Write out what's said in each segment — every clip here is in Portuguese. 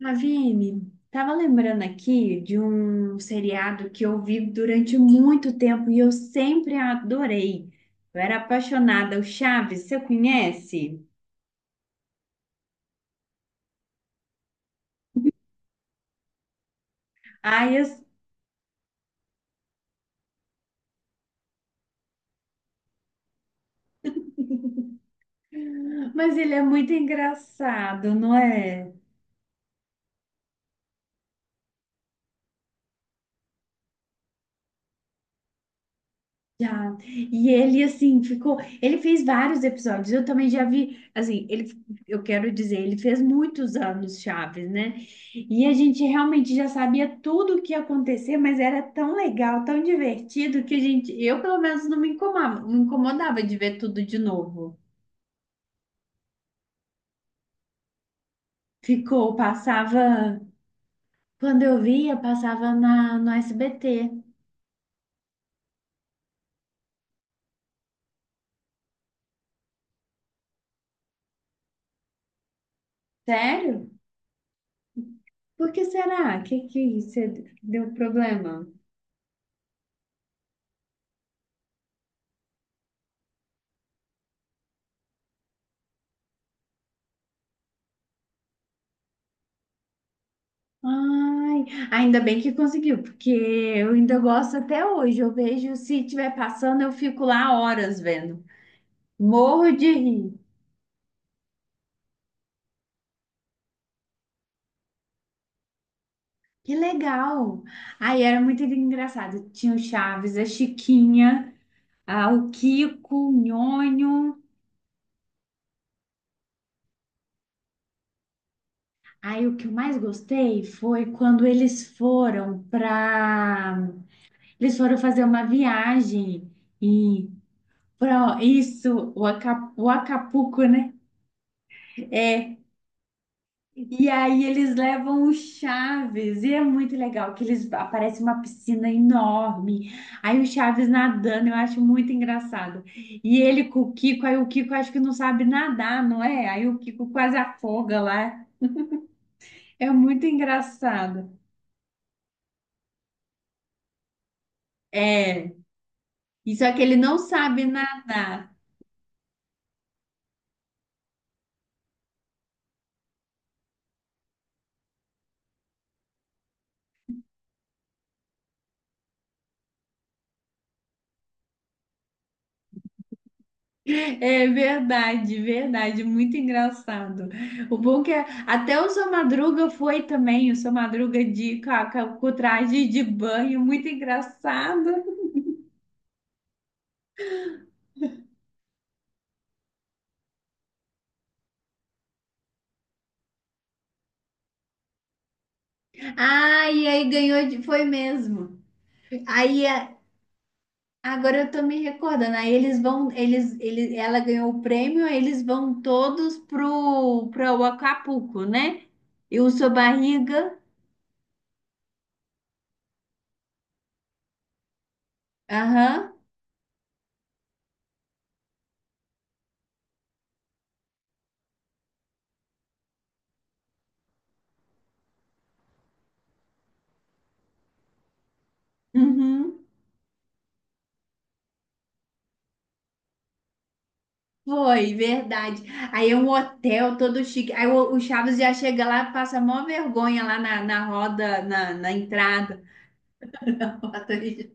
Ravine, tava lembrando aqui de um seriado que eu vi durante muito tempo e eu sempre adorei. Eu era apaixonada, o Chaves, você conhece? Ai, eu- mas ele é muito engraçado, não é? Já. E ele, assim, ficou. Ele fez vários episódios. Eu também já vi. Assim, ele, eu quero dizer, ele fez muitos anos Chaves, né? E a gente realmente já sabia tudo o que ia acontecer, mas era tão legal, tão divertido, que a gente. Eu, pelo menos, não me incomodava, não me incomodava de ver tudo de novo. Ficou, passava. Quando eu via, passava no SBT. Sério? Por que será? Que você deu problema? Ai, ainda bem que conseguiu, porque eu ainda gosto até hoje. Eu vejo se estiver passando, eu fico lá horas vendo. Morro de rir. Que legal! Aí era muito engraçado. Tinha o Chaves, a Chiquinha, o Kiko, o Nhonho. Aí o que eu mais gostei foi quando eles foram fazer uma viagem e pra, isso, o Acapulco, né? É, e aí eles levam o Chaves, e é muito legal que eles aparece uma piscina enorme. Aí o Chaves nadando, eu acho muito engraçado. E ele com o Kiko, aí o Kiko acho que não sabe nadar, não é? Aí o Kiko quase afoga lá. É muito engraçado. É, e só que ele não sabe nadar. É verdade, verdade, muito engraçado. O bom que até o seu Madruga foi também, o seu Madruga de com, a- com a- com o traje de banho, muito engraçado. Ah, e aí ganhou, foi mesmo. Aí é, agora eu tô me recordando, aí eles vão, ela ganhou o prêmio, aí eles vão todos pro Acapulco, né? E o seu Barriga, aham, uhum. Foi, verdade. Aí é um hotel todo chique. Aí o Chaves já chega lá, passa mó vergonha lá na roda, na entrada.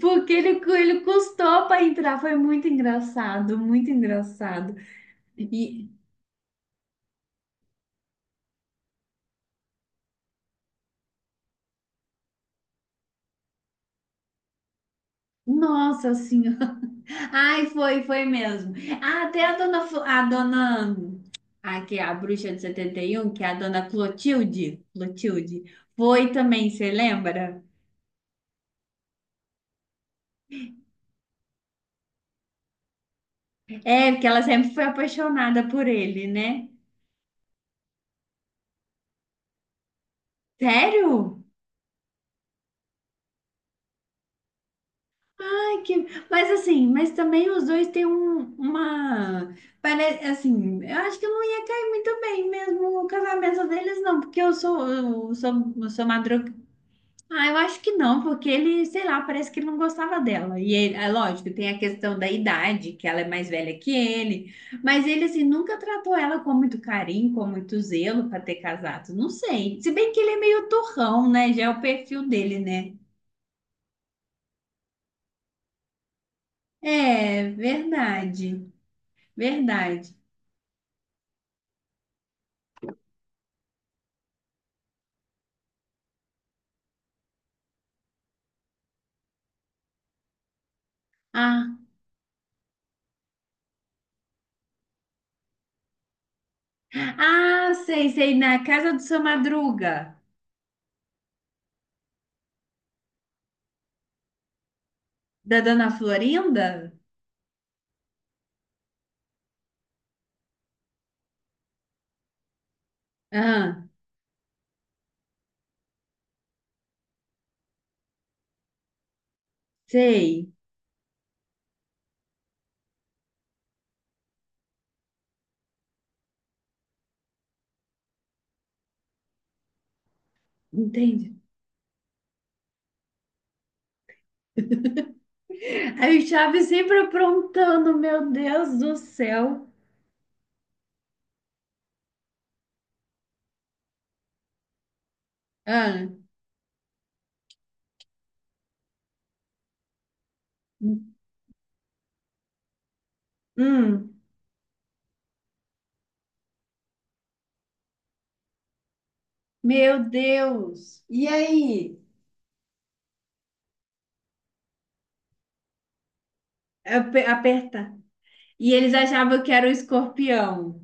Porque ele, ele custou para entrar. Foi muito engraçado, muito engraçado. E, Nossa senhora. Ai, foi mesmo. Ah, até a dona, a dona, que é a bruxa de 71 que é a dona Clotilde, foi também, você lembra? É, porque ela sempre foi apaixonada por ele, né? Sério? Ai, que... Mas assim, mas também os dois têm uma... Parece, assim, eu acho que não ia cair muito bem mesmo o casamento deles, não. Porque eu sou madruga. Ah, eu acho que não, porque ele, sei lá, parece que ele não gostava dela. E ele, é lógico, tem a questão da idade, que ela é mais velha que ele. Mas ele, assim, nunca tratou ela com muito carinho, com muito zelo para ter casado. Não sei. Se bem que ele é meio turrão, né? Já é o perfil dele, né? É verdade, verdade. Ah, ah, sei, sei, na casa do seu Madruga, da Dona Florinda? Ah, sei, entendi. Aí o Chaves sempre aprontando, meu Deus do céu. Ah, hum, meu Deus. E aí? Aperta. E eles achavam que era o escorpião.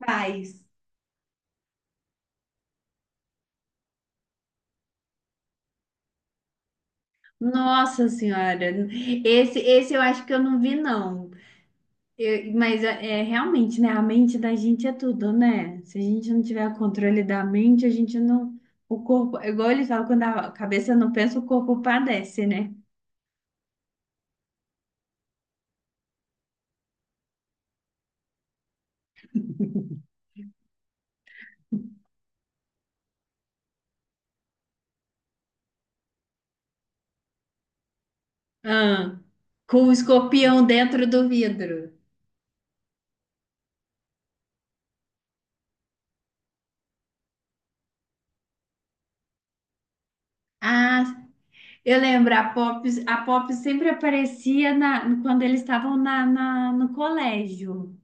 Paz. Nossa Senhora, esse eu acho que eu não vi, não. Mas é realmente, né? A mente da gente é tudo, né? Se a gente não tiver controle da mente, a gente não. O corpo, é igual eles falam, quando a cabeça não pensa, o corpo padece, né? Ah, com o escorpião dentro do vidro. Ah, eu lembro, a Pop sempre aparecia na, quando eles estavam no colégio.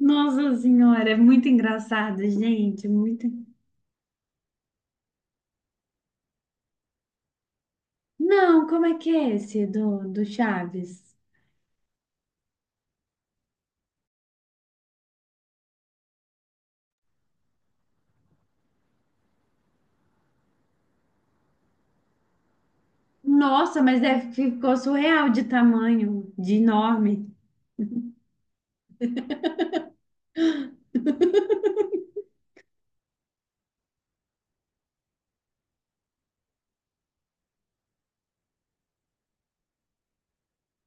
Nossa Senhora, é muito engraçado, gente. Muito. Não, como é que é esse do Chaves? Nossa, mas deve ficou surreal de tamanho, de enorme.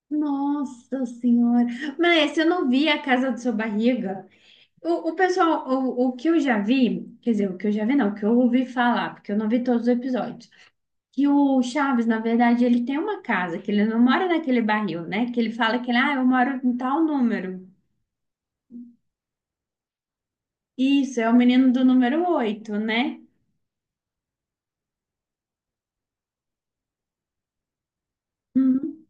Nossa Senhora. Mas eu não vi a casa do seu barriga. O pessoal, o que eu já vi, quer dizer, o que eu já vi não, o que eu ouvi falar, porque eu não vi todos os episódios, que o Chaves, na verdade, ele tem uma casa, que ele não mora naquele barril, né? Que ele fala que ele, ah, eu moro em tal número. Isso, é o menino do número 8, né? Uhum.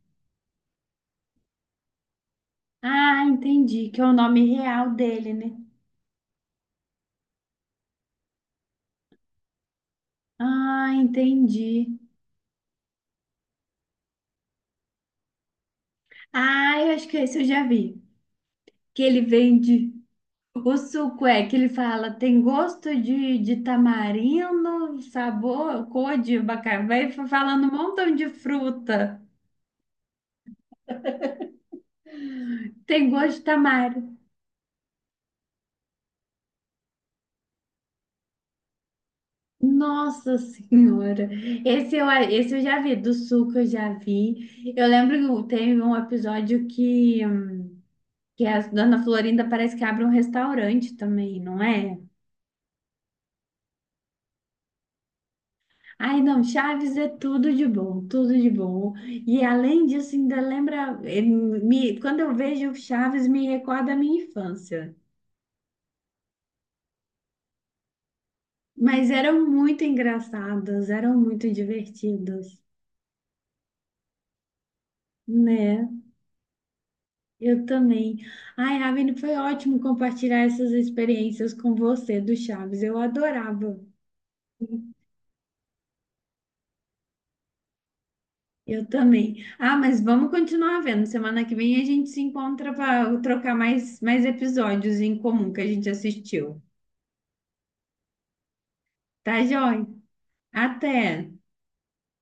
Ah, entendi, que é o nome real dele, né? Ah, entendi. Ah, eu acho que esse eu já vi. Que ele vende. O suco é que ele fala, tem gosto de tamarindo, sabor, cor de abacaxi. Vai falando um montão de fruta. Tem gosto de tamarindo. Nossa Senhora! Esse eu já vi, do suco eu já vi. Eu lembro que tem um episódio que a Dona Florinda parece que abre um restaurante também, não é? Ai, não, Chaves é tudo de bom, tudo de bom. E além disso, ainda lembra, quando eu vejo Chaves, me recorda a minha infância. Mas eram muito engraçados, eram muito divertidos, né? Eu também. Ai, Ravine, foi ótimo compartilhar essas experiências com você do Chaves. Eu adorava. Eu também. Ah, mas vamos continuar vendo. Semana que vem a gente se encontra para trocar mais episódios em comum que a gente assistiu. Tá, joia? Até.